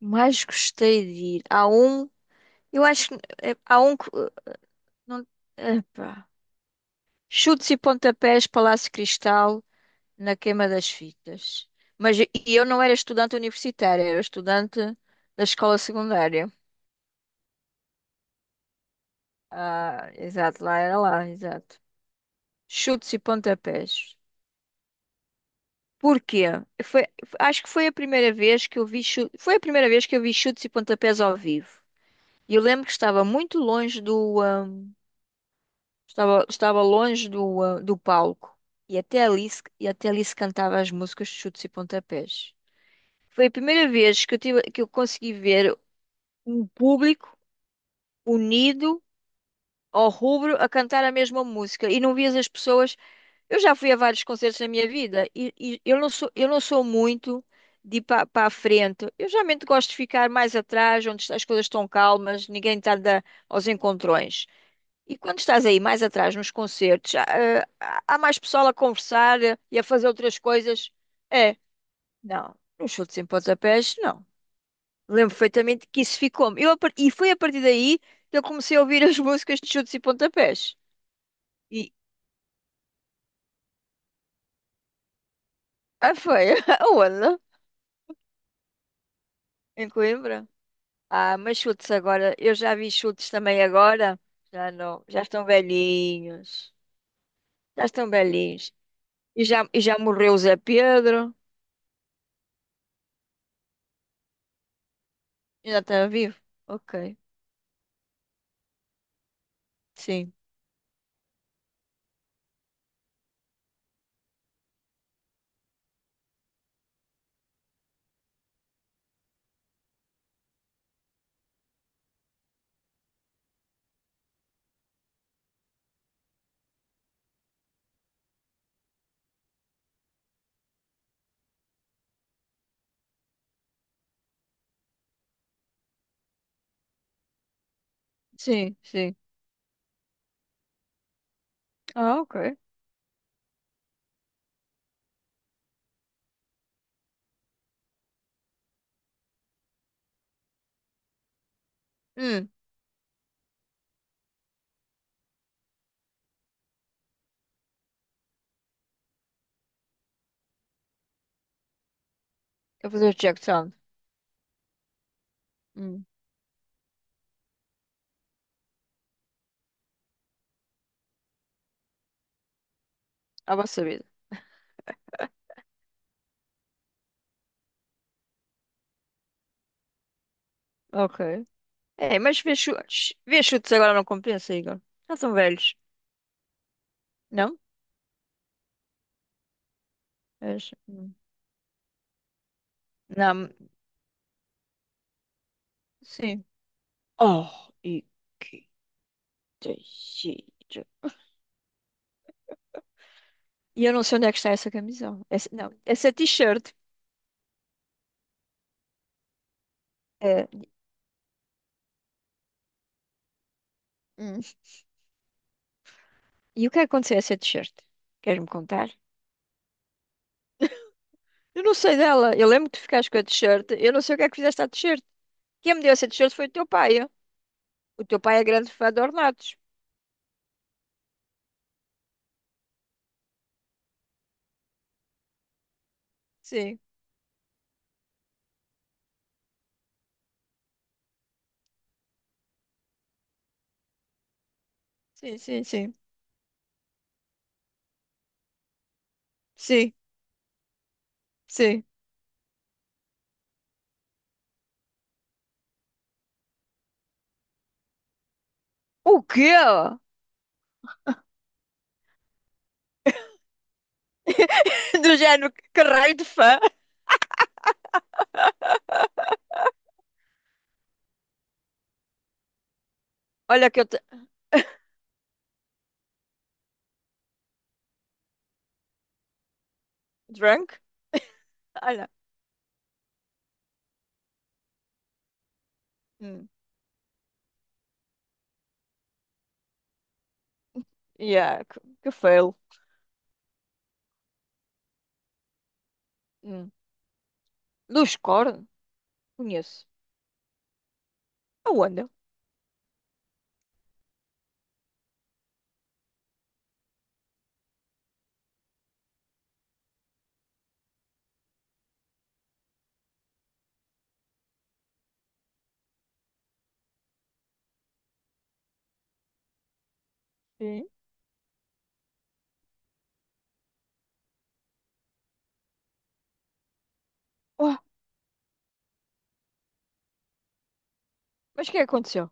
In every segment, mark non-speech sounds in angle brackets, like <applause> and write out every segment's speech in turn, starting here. Mais gostei de ir. Há um, eu acho que há um que não, epá. Chutes e pontapés, Palácio Cristal, na queima das fitas. Mas e eu não era estudante universitária, era estudante da escola secundária. Ah, exato, lá era lá, exato. Chutes e pontapés. Porquê? Foi, acho que foi a primeira vez que eu vi chu- foi a primeira vez que eu vi chutes e pontapés ao vivo. E eu lembro que estava longe do, do palco e até ali, se cantava as músicas de chutes e pontapés. Foi a primeira vez que que eu consegui ver um público unido ao rubro a cantar a mesma música e não vias as pessoas. Eu já fui a vários concertos na minha vida e eu não sou muito de ir para a frente. Eu geralmente gosto de ficar mais atrás, onde as coisas estão calmas, ninguém está a dar aos encontrões. E quando estás aí mais atrás nos concertos, há mais pessoal a conversar, e a fazer outras coisas? É, não. Nos chutes em pontapés, não. Lembro perfeitamente que isso ficou. E foi a partir daí que eu comecei a ouvir <laughs> as músicas de chutes e pontapés. E ah, foi, <laughs> aonde? Em Coimbra. Ah, mas chutes agora, eu já vi chutes também agora. Já não, já estão velhinhos. Já estão velhinhos. E já morreu o Zé Pedro. Ainda está vivo? Ok, sim. Sì, sì. Ah, ok. Mm, devo fazer o check sound. Mm, abbasso. Ok. É, mas ver chutes. Ver chutes agora não compensa, Igor. Já são velhos. Não? Hum. Não. Sim. Oh, e que giro. E eu não sei onde é que está essa camisola. Essa, não, essa t-shirt. É. Hum. E o que é que aconteceu a essa t-shirt? Queres-me contar? Eu não sei dela. Eu lembro que tu ficaste com a t-shirt. Eu não sei o que é que fizeste à t-shirt. Quem me deu essa t-shirt foi o teu pai. Ó. O teu pai é grande fã de Ornatos. Sim, sim, sim, sim. Sim, sim. O quê? <laughs> Do género que raio de fã. Olha que eu te. Drunk? Olha. Hum. Yeah, que fail. Hum. Luz Corn? Conheço. Aonde? Sim. Oh, mas o que é que aconteceu?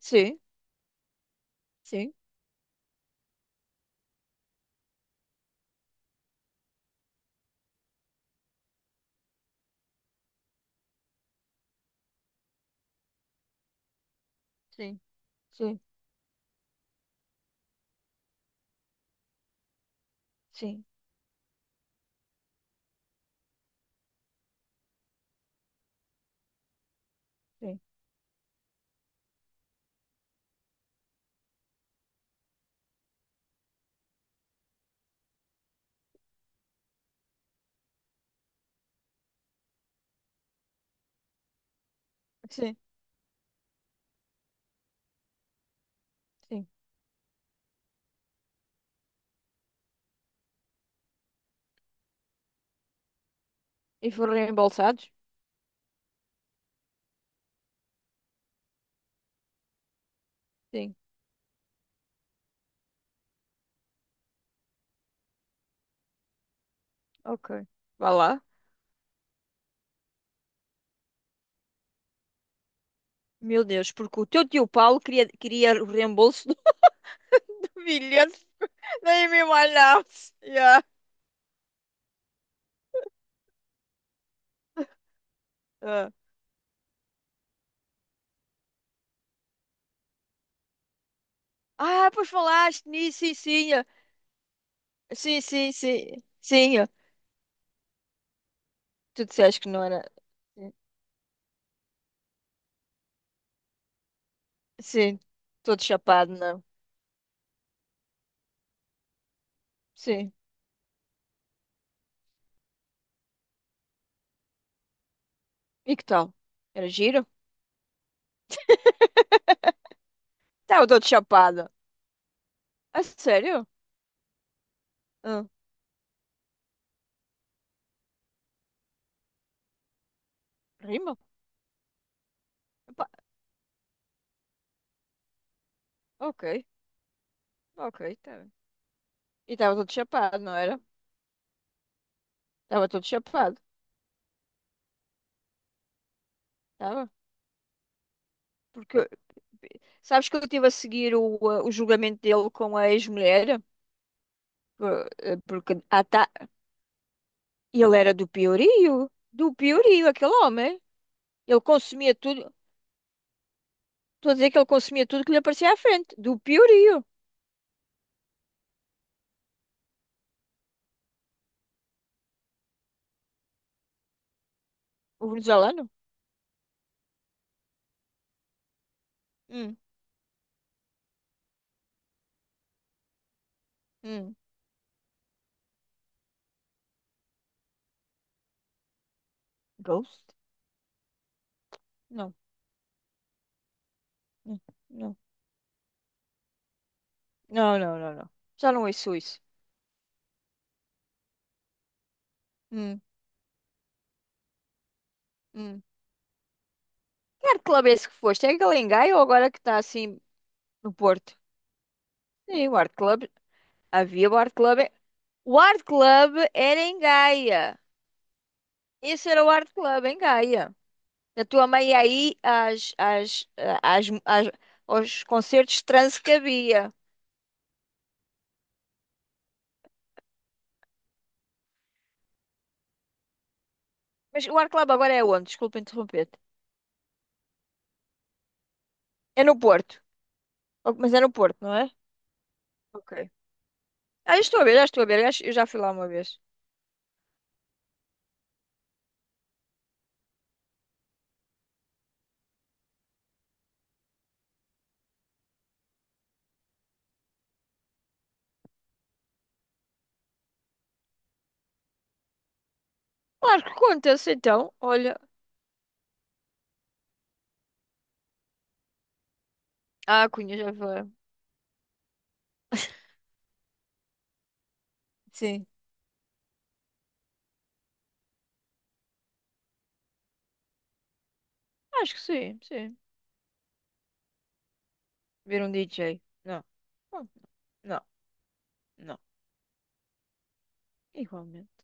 Sim, sim, sim, sim, sim, sim, sim, sim. E foram reembolsados? Sim. Ok. Vá lá. Meu Deus, porque o teu tio Paulo queria o reembolso do <laughs> bilhete da Amy Winehouse. Yeah. Ah. Ah, pois falaste nisso, sim, sim, ah. Sim, sim, sim, sim. Ah. Tu disseste que não era. Sim, todo chapado, não. Sim. E que tal? Era giro? Estava todo chapado. A sério? Ah, rima? Epá, ok, ok, tá bem. E estava todo chapado, não era? Estava todo chapado, estava. Porque sabes que eu estive a seguir o julgamento dele com a ex-mulher? Porque ele era do Piorio, aquele homem. Ele consumia tudo. Estou a dizer que ele consumia tudo que lhe aparecia à frente. Do piorio. O venezuelano. Hum, hum. Ghost? Não. Hum. Não. Não, não, não, não. Já não ouço isso. Hum, hum. Que Art Club é esse que foste? É aquele em Gaia ou agora que está assim no Porto? Sim, o Art Club. Havia o Art Club. O Art Club era em Gaia. Esse era o Art Club em Gaia. A tua mãe ia aí às, às, às, às- aos concertos de transe que havia. Mas o Art Club agora é onde? Desculpa interromper-te. É no Porto. Oh, mas é no Porto, não é? Ok. Ah, eu estou a ver, já estou a ver. Eu já fui lá uma vez. Claro que conta-se então. Olha. Ah, Cunha já foi. Sim. Acho que sim, sim. Ver um DJ. Não. Oh, não, não. Igualmente.